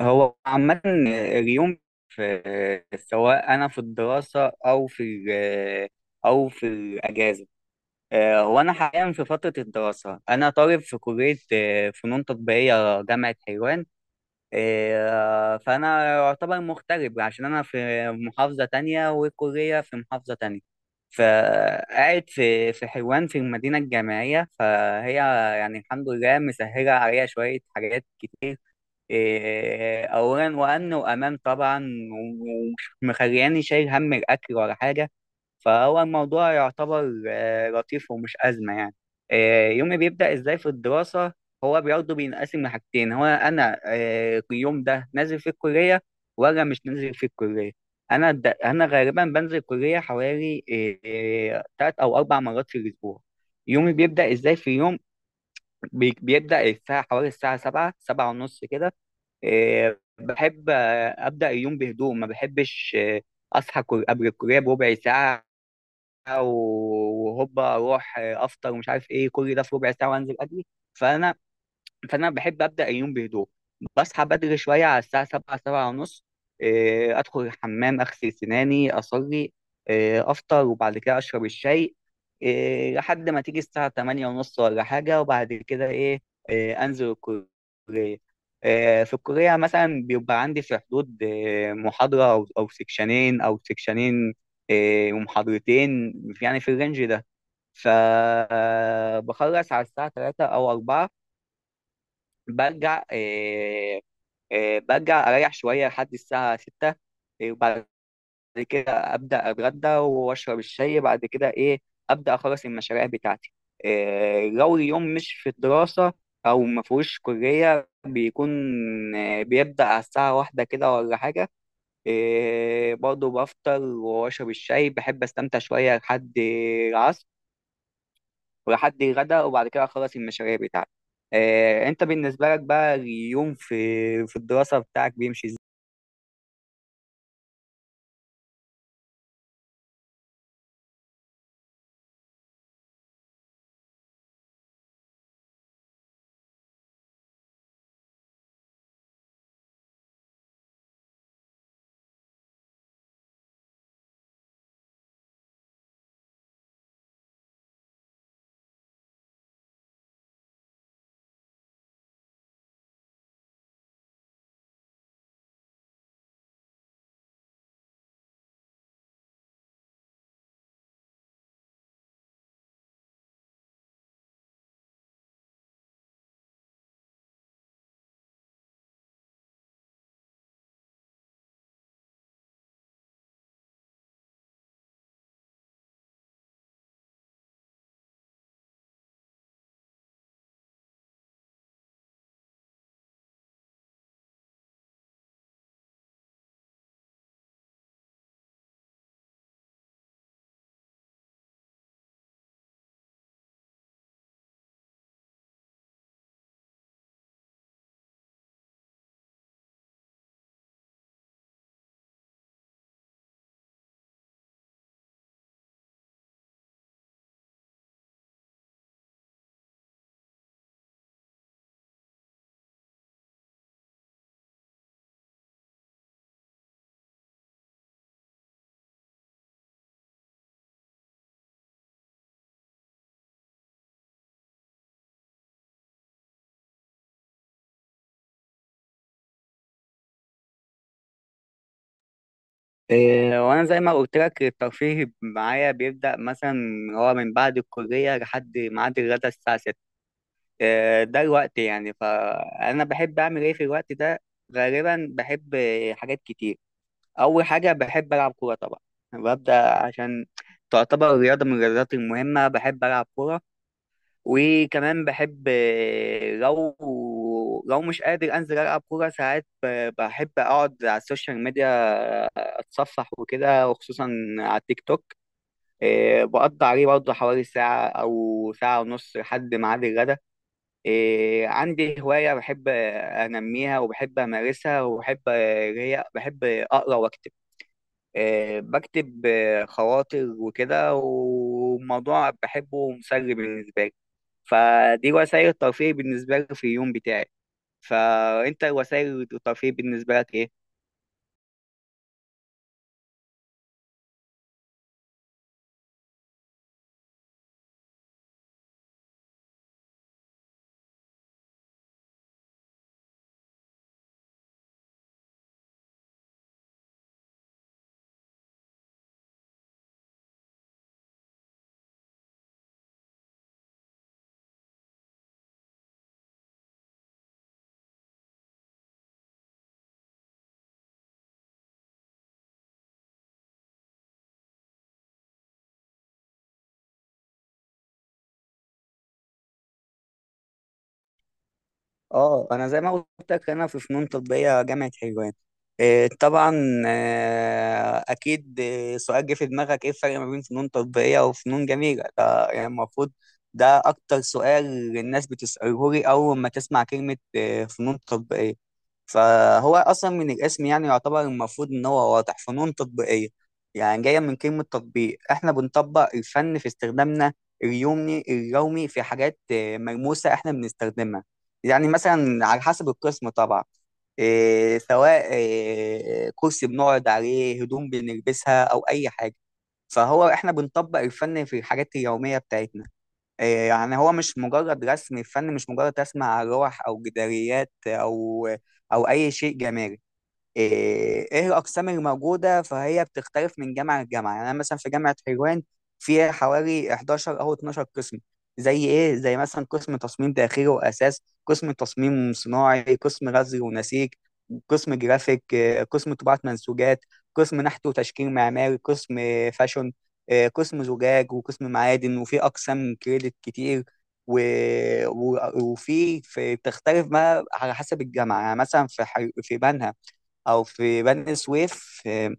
هو عامة اليوم في سواء أنا في الدراسة أو أو في الأجازة. هو أنا حاليا في فترة الدراسة، أنا طالب في كلية فنون تطبيقية، جامعة حلوان. فأنا يعتبر مغترب عشان أنا في محافظة تانية والكلية في محافظة تانية، فقاعد في حلوان في المدينة الجامعية. فهي يعني الحمد لله مسهلة عليا شوية حاجات، إيه، اولا وان وامام طبعا، ومش مخلياني شايل هم الاكل ولا حاجه. فهو الموضوع يعتبر لطيف ومش ازمه يعني. يومي بيبدا ازاي في الدراسه؟ هو برضه بينقسم لحاجتين، هو انا اليوم ده نازل في الكليه ولا مش نازل في الكليه. انا غالبا بنزل الكليه حوالي 3 او 4 مرات في الاسبوع. يومي بيبدا ازاي في يوم؟ بيبدا الساعه حوالي الساعه 7، 7 ونص كده. إيه، بحب أبدأ اليوم بهدوء، ما بحبش أصحى قبل الكلية بربع ساعة وهوبا أروح أفطر ومش عارف إيه كل ده في ربع ساعة وأنزل أجري. فأنا فانا بحب ابدا اليوم بهدوء، بصحى بدري شويه على الساعه 7، 7 ونص. ادخل الحمام، اغسل سناني، اصلي، افطر، وبعد كده اشرب الشاي لحد ما تيجي الساعه 8 ونص ولا حاجه. وبعد كده ايه؟ انزل الكليه. في الكليه مثلا بيبقى عندي في حدود محاضره او سكشنين ومحاضرتين، يعني في الرينج ده. فبخلص على الساعه 3 او 4، برجع آه، آه، برجع اريح شويه لحد الساعه 6. وبعد كده ابدا اتغدى واشرب الشاي، بعد كده ايه، ابدا اخلص المشاريع بتاعتي. لو اليوم مش في الدراسه او ما فيهوش كليه، بيكون بيبدا على الساعه واحدة كده ولا حاجه. برضه بفطر واشرب الشاي، بحب استمتع شويه لحد العصر ولحد الغدا، وبعد كده اخلص المشاريع بتاعتي. انت بالنسبه لك بقى اليوم في الدراسه بتاعك بيمشي ازاي؟ وانا زي ما قلت لك الترفيه معايا بيبدا مثلا هو من بعد الكليه لحد ميعاد الغدا الساعه 6. ده الوقت يعني، فانا بحب اعمل ايه في الوقت ده؟ غالبا بحب حاجات كتير. اول حاجه بحب العب كوره طبعا، ببدا عشان تعتبر رياضه من الرياضات المهمه، بحب العب كوره. وكمان بحب لو مش قادر انزل العب كوره ساعات، بحب اقعد على السوشيال ميديا، اتصفح وكده، وخصوصا على التيك توك. بقضي عليه برضه حوالي ساعه او ساعه ونص لحد ميعاد الغدا. عندي هوايه بحب انميها وبحب امارسها وبحب اللي هي بحب اقرا واكتب. بكتب خواطر وكده، وموضوع بحبه ومسلي بالنسبه لي. فدي وسائل الترفيه بالنسبة لي في اليوم بتاعي. فأنت وسائل الترفيه بالنسبة لك إيه؟ اه، انا زي ما قلت لك انا في فنون تطبيقيه جامعه حلوان. إيه طبعا، اكيد سؤال جه في دماغك ايه الفرق ما بين فنون تطبيقيه وفنون جميله؟ ده يعني المفروض، ده اكتر سؤال الناس بتساله لي اول ما تسمع كلمه فنون تطبيقيه. فهو اصلا من الاسم يعني يعتبر المفروض ان هو واضح، فنون تطبيقيه يعني جايه من كلمه تطبيق، احنا بنطبق الفن في استخدامنا اليومي في حاجات ملموسه احنا بنستخدمها، يعني مثلا على حسب القسم طبعا، إيه سواء إيه كرسي بنقعد عليه، هدوم بنلبسها، او اي حاجه. فهو احنا بنطبق الفن في الحاجات اليوميه بتاعتنا. إيه، يعني هو مش مجرد رسم، الفن مش مجرد رسم على لوح او جداريات او اي شيء جمالي. ايه، إيه الاقسام الموجوده؟ فهي بتختلف من جامعه لجامعه، يعني انا مثلا في جامعه حلوان فيها حوالي 11 او 12 قسم. زي ايه؟ زي مثلا قسم تصميم داخلي واساس، قسم تصميم صناعي، قسم غزل ونسيج، قسم جرافيك، قسم طباعه منسوجات، قسم نحت وتشكيل معماري، قسم فاشون، قسم زجاج، وقسم معادن، وفي اقسام كريدت كتير و... و... وفي تختلف ما على حسب الجامعه، يعني مثلا في في بنها او في بني سويف.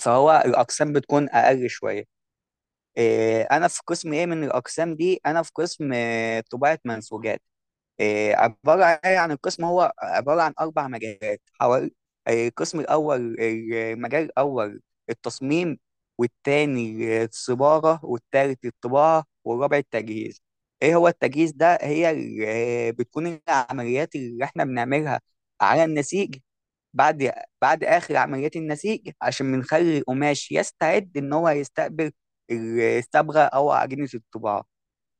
فهو الاقسام بتكون اقل شويه. انا في قسم ايه من الاقسام دي؟ انا في قسم طباعه منسوجات. عباره ايه عن القسم؟ هو عباره عن 4 مجالات حوالي. القسم الاول، المجال الاول التصميم، والتاني الصباغه، والتالت الطباعه، والرابع التجهيز. ايه هو التجهيز ده؟ هي بتكون العمليات اللي احنا بنعملها على النسيج، بعد بعد آخر عمليات النسيج عشان بنخلي القماش يستعد إن هو يستقبل الصبغة أو عجينة الطباعة.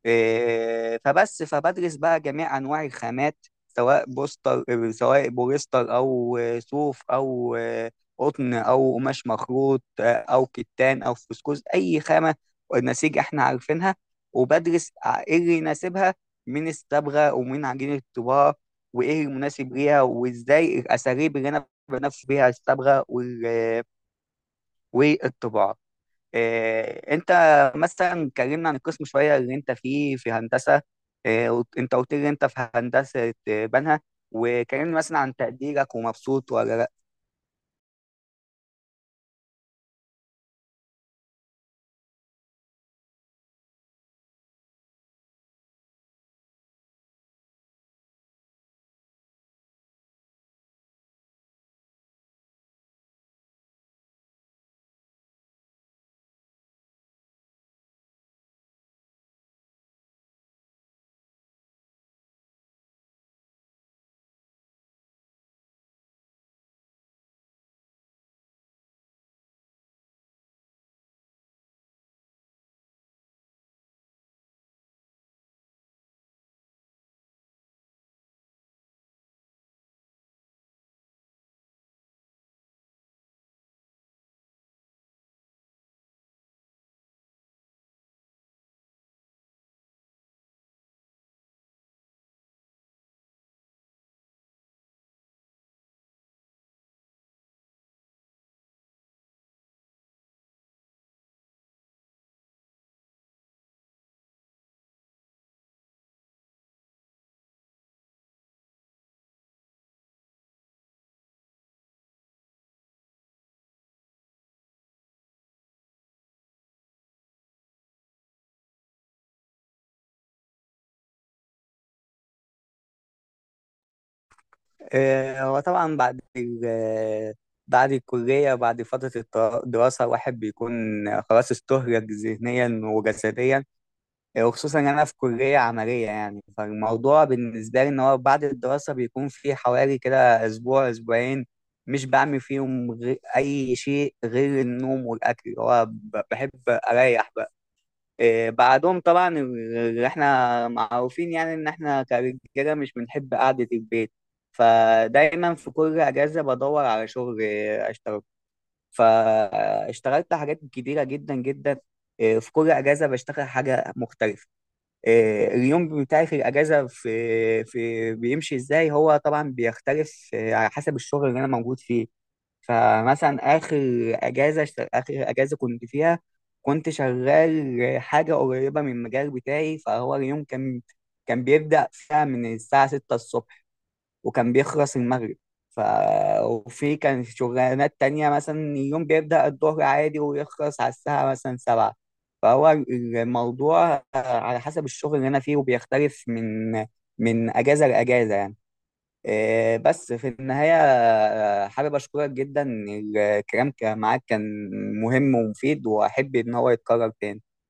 إيه، فبس فبدرس بقى جميع انواع الخامات، سواء بوستر، سواء بوليستر او صوف او قطن او قماش مخروط او كتان او فسكوز، اي خامه نسيج احنا عارفينها. وبدرس ايه اللي يناسبها من الصبغه ومن عجينه الطباعه، وايه المناسب ليها، وازاي الاساليب اللي انا بنفذ بيها الصبغه والطباعه. إيه، انت مثلا اتكلمنا عن القسم شويه اللي انت فيه في هندسه. إيه، انت قلت لي انت في هندسه بنها. وكلمني مثلا عن تقديرك ومبسوط ولا لا؟ إيه، هو طبعا بعد بعد الكليه، بعد فتره الدراسه، الواحد بيكون خلاص استهلك ذهنيا وجسديا، وخصوصا انا في كليه عمليه يعني. فالموضوع بالنسبه لي ان هو بعد الدراسه بيكون في حوالي كده اسبوع اسبوعين مش بعمل فيهم غير اي شيء غير النوم والاكل. هو بحب اريح بقى. إيه بعدهم طبعا اللي احنا معروفين، يعني ان احنا كرجاله مش بنحب قعده البيت، فدايما في كل اجازه بدور على شغل، إيه، اشتغل. فاشتغلت حاجات كتيره جدا جدا. إيه، في كل اجازه بشتغل حاجه مختلفه. اليوم بتاعي في الاجازه في بيمشي ازاي؟ هو طبعا بيختلف على حسب الشغل اللي انا موجود فيه. فمثلا اخر اخر اجازه كنت فيها، كنت شغال حاجه قريبه من المجال بتاعي. فهو اليوم كان، كان بيبدا فيها من الساعه 6 الصبح وكان بيخلص المغرب. ف... وفي كان شغلانات تانية، مثلا يوم بيبدأ الظهر عادي ويخلص على الساعة مثلا 7. فهو الموضوع على حسب الشغل اللي أنا فيه، وبيختلف من أجازة لأجازة يعني. إيه، بس في النهاية حابب أشكرك جدا، الكلام معاك كان مهم ومفيد، وأحب إن هو يتكرر تاني.